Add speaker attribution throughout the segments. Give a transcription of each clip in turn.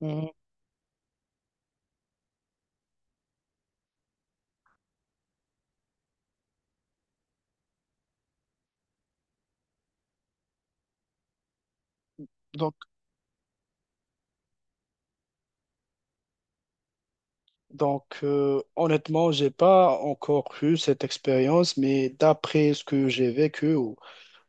Speaker 1: Mhm. Donc, donc, honnêtement, j'ai pas encore eu cette expérience, mais d'après ce que j'ai vécu ou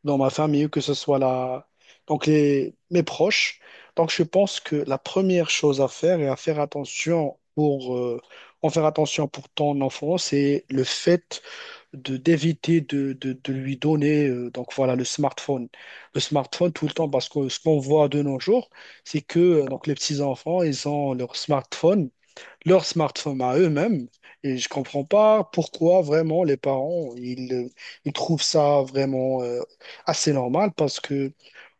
Speaker 1: dans ma famille, que ce soit la, donc les, mes proches, donc je pense que la première chose à faire et à faire attention pour en faire attention pour ton enfant, c'est le fait de d'éviter de lui donner donc voilà le smartphone tout le temps parce que ce qu'on voit de nos jours, c'est que donc les petits enfants ils ont leur smartphone à eux-mêmes. Et je comprends pas pourquoi vraiment les parents, ils trouvent ça vraiment assez normal parce que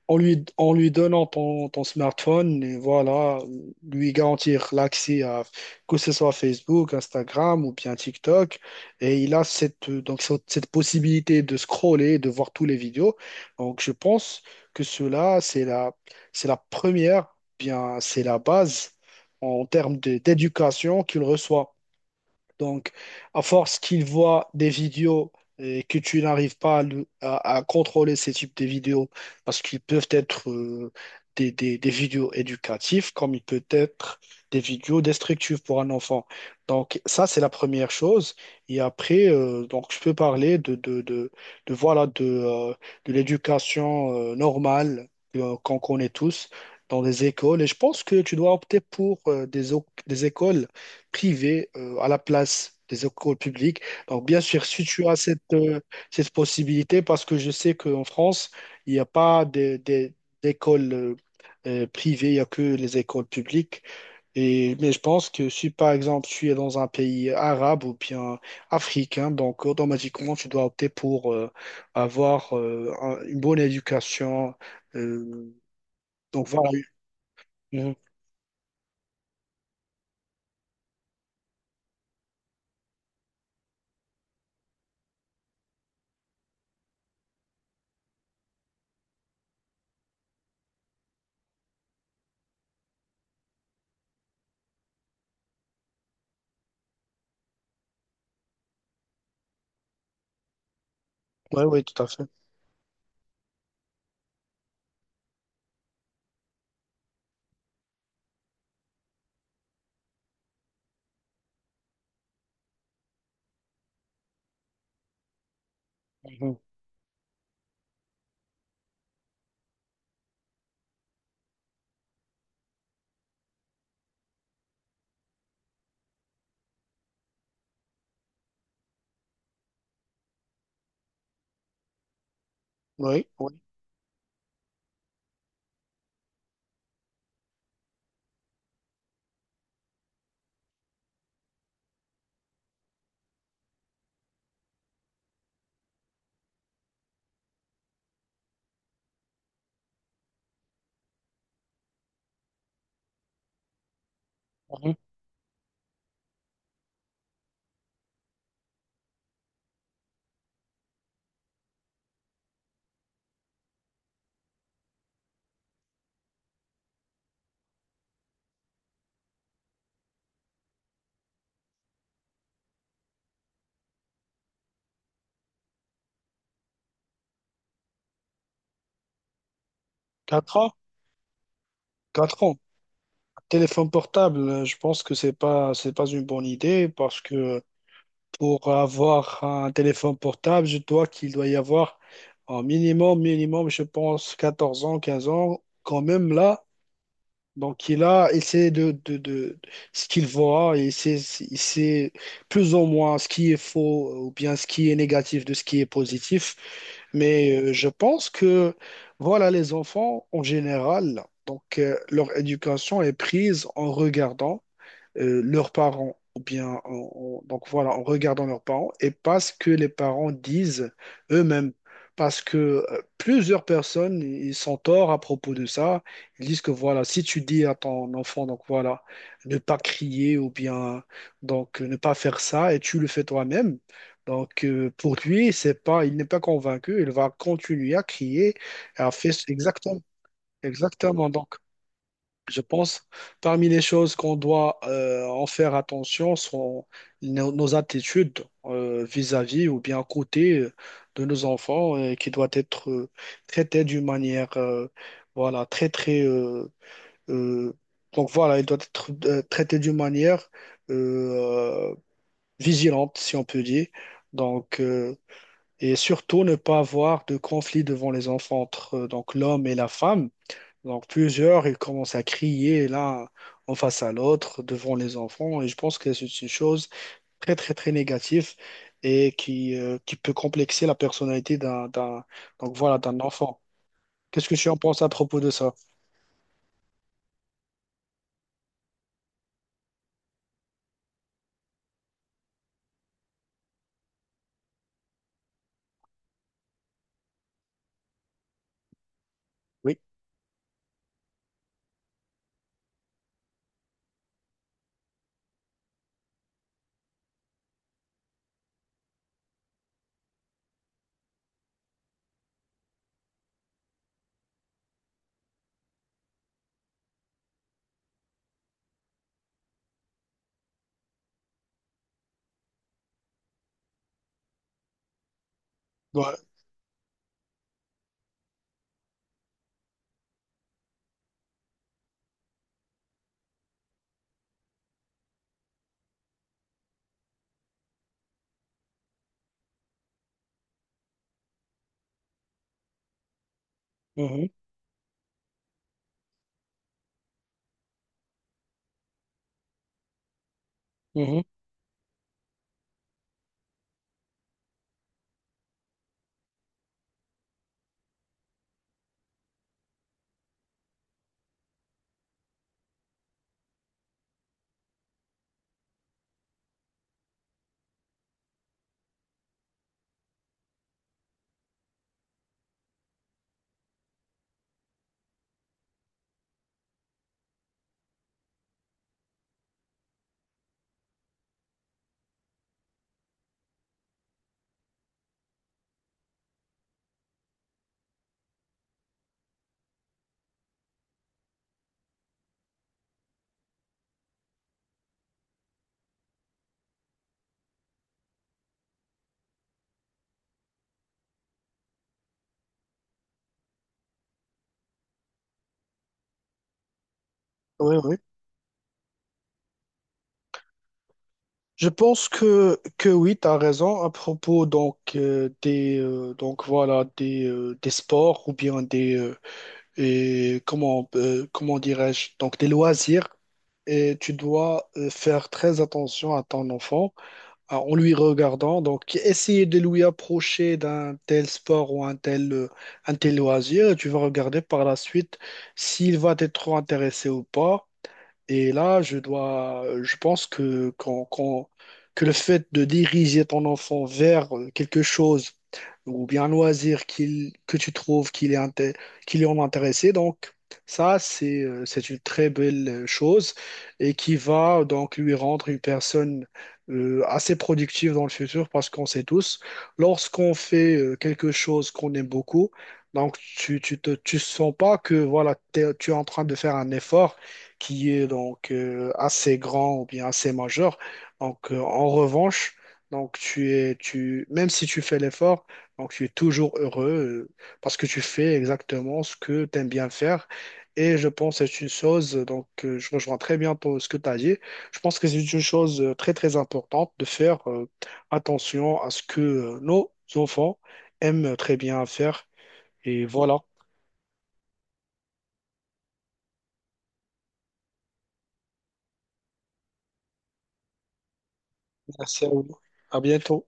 Speaker 1: en lui donnant ton smartphone, et voilà, lui garantir l'accès à que ce soit Facebook, Instagram ou bien TikTok. Et il a cette, donc, cette cette possibilité de scroller, de voir tous les vidéos. Donc, je pense que cela, c'est la première, bien, c'est la base en termes d'éducation qu'il reçoit. Donc, à force qu'ils voient des vidéos et que tu n'arrives pas à contrôler ces types de vidéos, parce qu'ils peuvent être des vidéos éducatives, comme ils peuvent être des vidéos destructives pour un enfant. Donc, ça, c'est la première chose. Et après, donc, je peux parler voilà, de l'éducation normale qu'on connaît tous dans les écoles. Et je pense que tu dois opter pour des écoles privées, à la place des écoles publiques. Donc, bien sûr, si tu as cette possibilité, parce que je sais qu'en France, il n'y a pas d'écoles privées, il n'y a que les écoles publiques. Et, mais je pense que si par exemple tu es dans un pays arabe ou bien africain, donc automatiquement tu dois opter pour avoir une bonne éducation. euh, donc voilà. Oui, oui, tout à fait. Mhm. Oui, oui. Mhm. 4 ans? Quatre ans. Téléphone portable, je pense que c'est pas une bonne idée parce que pour avoir un téléphone portable, je dois qu'il doit y avoir un minimum, minimum, je pense, 14 ans, 15 ans, quand même là. Donc il a essayé de ce qu'il voit et c'est il sait plus ou moins ce qui est faux ou bien ce qui est négatif de ce qui est positif. Mais je pense que voilà les enfants en général, leur éducation est prise en regardant leurs parents, ou bien donc voilà, en regardant leurs parents, et pas ce que les parents disent eux-mêmes. Parce que plusieurs personnes, ils sont torts à propos de ça. Ils disent que voilà, si tu dis à ton enfant, donc voilà, ne pas crier ou bien ne pas faire ça, et tu le fais toi-même. Donc pour lui, c'est pas, il n'est pas convaincu. Il va continuer à crier, à faire exactement, exactement. Donc je pense, parmi les choses qu'on doit en faire attention sont nos attitudes vis-à-vis ou bien à côté de nos enfants, qui doit être traitée d'une manière, voilà très très euh, donc voilà il doit être traité d'une manière euh, vigilante si on peut dire donc euh, et surtout ne pas avoir de conflit devant les enfants entre donc l'homme et la femme donc plusieurs, ils commencent à crier l'un en face à l'autre devant les enfants. Et je pense que c'est une chose très, très, très négative et qui peut complexer la personnalité d'un enfant. Qu'est-ce que tu en penses à propos de ça? Oui. Ouais. Mhm. Mhm. Oui, oui. Je pense que oui, tu as raison à propos des sports ou bien comment dirais-je, donc des loisirs et tu dois faire très attention à ton enfant, en lui regardant. Donc, essayer de lui approcher d'un tel sport ou un tel, un tel loisir. Tu vas regarder par la suite s'il va être trop intéressé ou pas. Et là, je pense que que le fait de diriger ton enfant vers quelque chose ou bien un loisir que tu trouves qu'il est en intéressé, donc ça, c'est une très belle chose et qui va donc lui rendre une personne assez productive dans le futur parce qu'on sait tous, lorsqu'on fait quelque chose qu'on aime beaucoup, donc tu sens pas que voilà, tu es en train de faire un effort qui est assez grand ou bien assez majeur. Donc, en revanche, donc même si tu fais l'effort, donc tu es toujours heureux parce que tu fais exactement ce que tu aimes bien faire. Et je pense que c'est une chose, je rejoins très bien ce que tu as dit. Je pense que c'est une chose très très importante de faire attention à ce que nos enfants aiment très bien faire. Et voilà. Merci à vous. À bientôt.